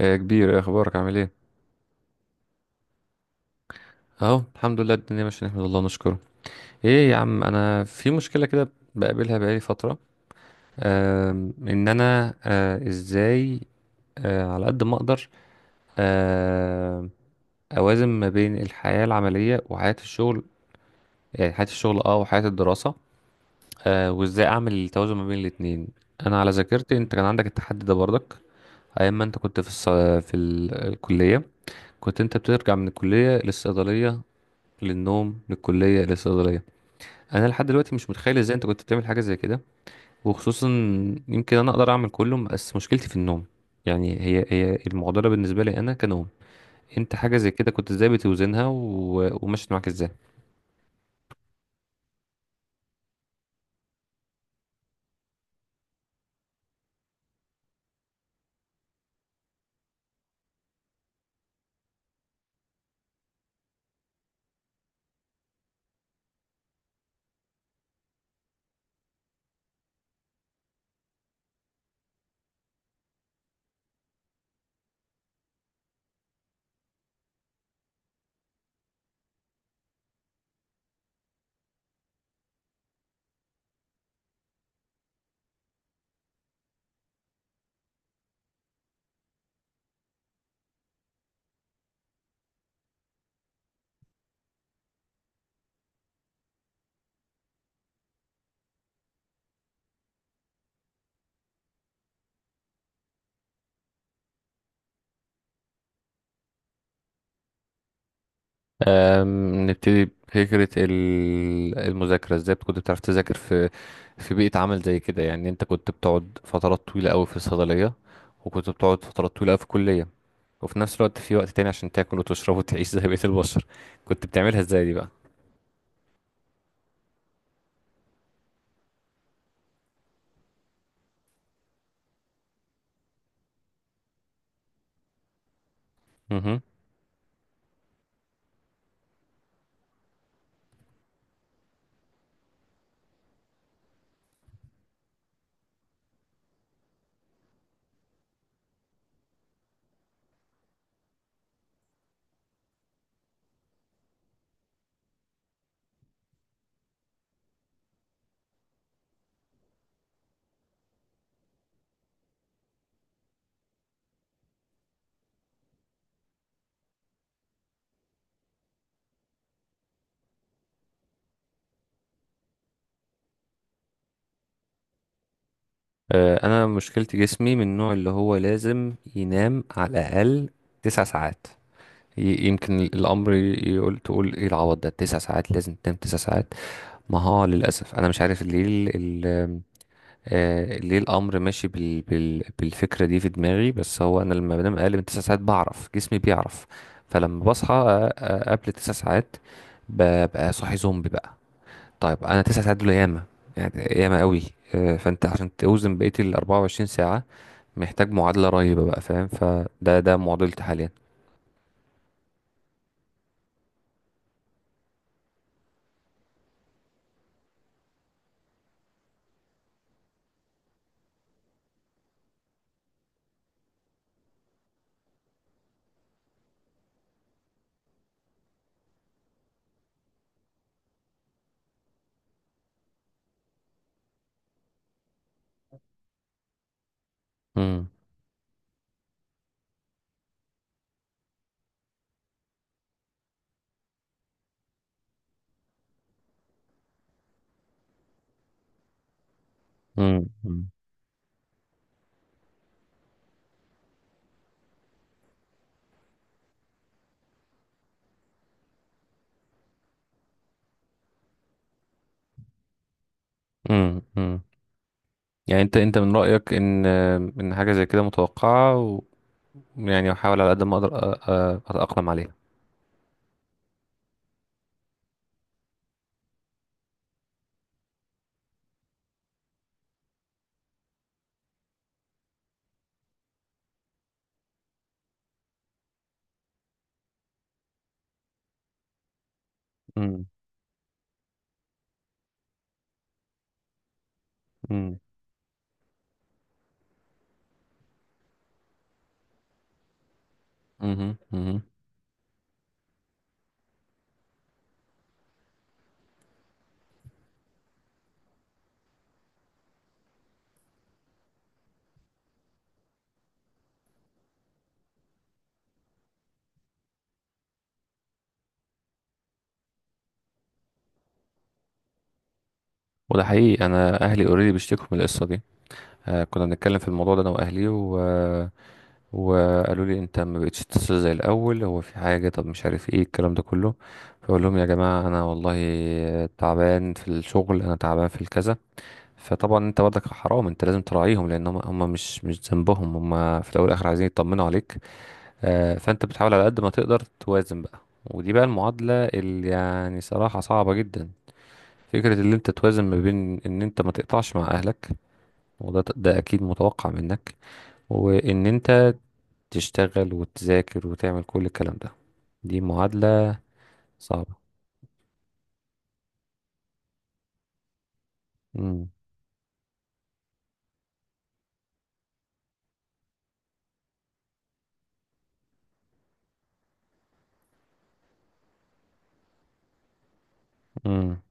يا كبير، إيه اخبارك؟ عامل ايه؟ اهو الحمد لله، الدنيا ماشيه، نحمد الله ونشكره. ايه يا عم، انا في مشكله كده بقابلها بقالي فتره. انا، ازاي على قد ما اقدر آه، اوازن ما بين الحياه العمليه وحياه الشغل. يعني حياه الشغل وحياه الدراسه. وازاي اعمل التوازن ما بين الاتنين؟ انا على ذاكرتي، انت كان عندك التحدي ده برضك. ايام ما انت كنت في في الكليه، كنت انت بترجع من الكليه للصيدليه، للنوم، للكلية، للصيدلية. انا لحد دلوقتي مش متخيل ازاي انت كنت بتعمل حاجه زي كده. وخصوصا يمكن انا اقدر اعمل كله، بس مشكلتي في النوم. يعني هي المعضله بالنسبه لي انا كنوم. انت حاجه زي كده كنت ازاي بتوزنها ومشيت معاك ازاي؟ نبتدي بفكرة المذاكرة. ازاي كنت بتعرف تذاكر في بيئة عمل زي كده؟ يعني انت كنت بتقعد فترات طويلة قوي في الصيدلية، وكنت بتقعد فترات طويلة قوي في الكلية، وفي نفس الوقت في وقت تاني عشان تاكل وتشرب وتعيش زي بقية البشر. كنت بتعملها ازاي دي بقى؟ مهم. انا مشكلتي جسمي من النوع اللي هو لازم ينام على الاقل تسع ساعات. يمكن الامر تقول ايه العوض ده، تسع ساعات لازم تنام تسع ساعات. ما هو للاسف انا مش عارف ليه ال- ليه الامر ماشي بال بالفكره دي في دماغي، بس هو انا لما بنام اقل من تسع ساعات بعرف، جسمي بيعرف. فلما بصحى قبل تسع ساعات، ببقى صاحي زومبي بقى. طيب، انا تسع ساعات دول ياما، يعني ياما قوي. فانت عشان توزن بقيه ال 24، محتاج معادلة رهيبة بقى فاهم؟ فده معضلتي حاليا. امم، امم، امم، امم. يعني انت من رأيك ان حاجة زي كده متوقعة، ويعني احاول على قد ما اقدر اتأقلم عليها. امم، امم، امم، امم. وده حقيقي، انا اهلي اوريدي بيشتكوا من القصة دي. كنا بنتكلم في الموضوع ده انا واهلي وقالوا لي: انت ما بقتش تتصل زي الاول، هو في حاجه؟ طب مش عارف ايه الكلام ده كله. فاقول لهم: يا جماعه انا والله تعبان في الشغل، انا تعبان في الكذا. فطبعا انت برضك حرام، انت لازم تراعيهم، لان هم مش ذنبهم، هم في الاول والاخر عايزين يطمنوا عليك. فانت بتحاول على قد ما تقدر توازن بقى. ودي بقى المعادله اللي يعني صراحه صعبه جدا، فكرة اللي انت توازن ما بين ان انت ما تقطعش مع اهلك، وده اكيد متوقع منك، وان انت تشتغل وتذاكر وتعمل كل الكلام ده. دي معادلة صعبة. امم، امم،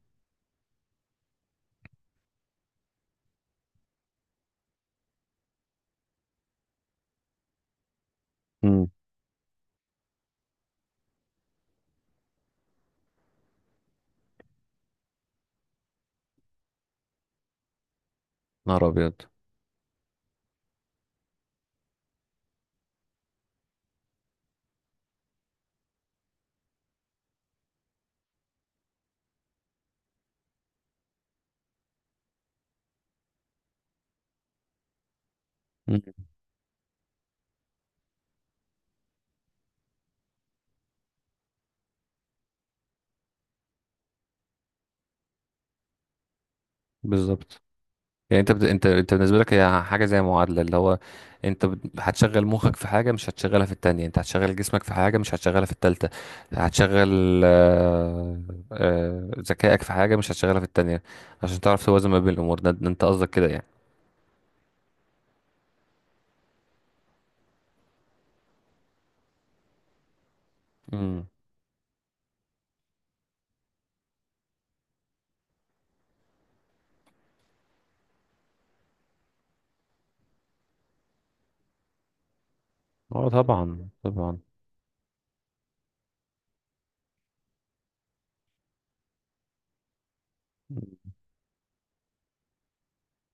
امم. نهار ابيض. مم. بالظبط. يعني انت بالنسبة لك هي حاجة زي معادلة، اللي هو انت هتشغل مخك في حاجة مش هتشغلها في التانية، انت هتشغل جسمك في حاجة مش هتشغلها في التالتة، هتشغل ذكائك في حاجة مش هتشغلها في التانية، عشان تعرف توازن ما بين الامور. ده انت قصدك كده يعني؟ امم. اه طبعا طبعا.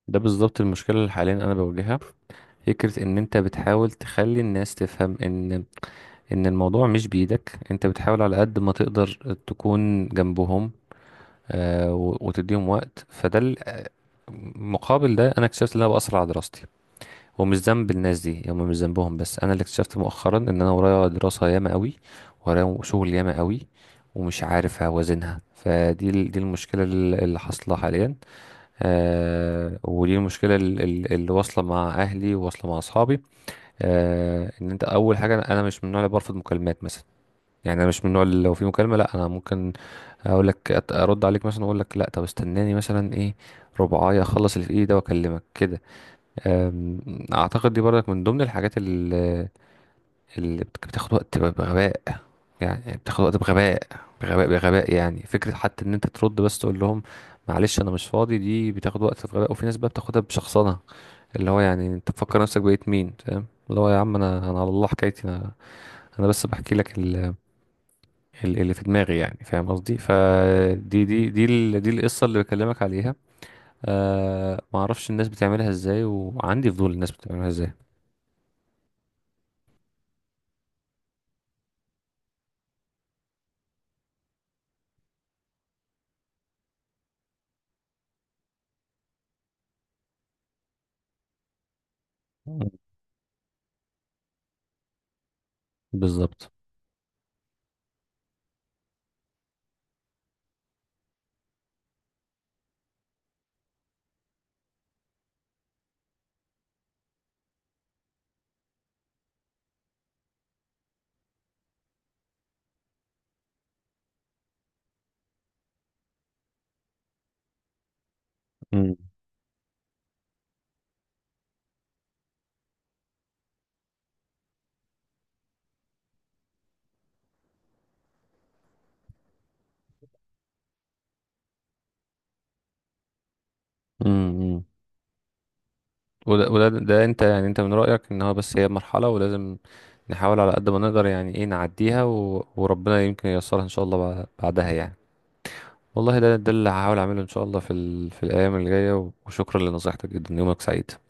ده بالظبط المشكلة اللي حاليا انا بواجهها. فكرة ان انت بتحاول تخلي الناس تفهم ان الموضوع مش بإيدك، انت بتحاول على قد ما تقدر تكون جنبهم، وتديهم وقت. مقابل ده، انا اكتشفت ان انا بأثر على دراستي، ومش ذنب الناس دي، هم مش ذنبهم، بس انا اللي اكتشفت مؤخرا ان انا ورايا دراسة ياما قوي، ورايا شغل ياما قوي، ومش عارف اوازنها. دي المشكلة اللي حاصلة حاليا. ودي المشكلة اللي واصلة مع اهلي وواصلة مع اصحابي. آه، ان انت اول حاجه، انا مش من النوع اللي برفض مكالمات مثلا، يعني انا مش من النوع اللي لو في مكالمه لا. انا ممكن اقول لك ارد عليك، مثلا اقول لك لا، طب استناني مثلا ايه، ربعايه، اخلص اللي في ايدي ده واكلمك كده. اعتقد دي برضك من ضمن الحاجات اللي بتاخد وقت بغباء، يعني بتاخد وقت بغباء، بغباء، بغباء. يعني فكرة حتى ان انت ترد بس تقول لهم: معلش انا مش فاضي. دي بتاخد وقت بغباء، وفي ناس بقى بتاخدها بشخصنة، اللي هو يعني انت تفكر نفسك بقيت مين؟ فاهم؟ اللي هو يا عم انا على الله، حكايتي انا، انا بس بحكي لك اللي في دماغي، يعني فاهم قصدي؟ فدي دي دي ال- دي القصة اللي بكلمك عليها. آه، ما اعرفش الناس بتعملها ازاي، وعندي فضول الناس بتعملها ازاي. مم. بالظبط. امم، امم. وده انت يعني انت من رأيك ان هو بس هي مرحلة، ولازم نحاول على قد ما نقدر، يعني ايه، نعديها، وربنا يمكن ييسرها ان شاء الله بعدها يعني. والله ده اللي هحاول اعمله ان شاء الله في في الايام اللي جاية. وشكرا لنصيحتك جدا، يومك سعيد.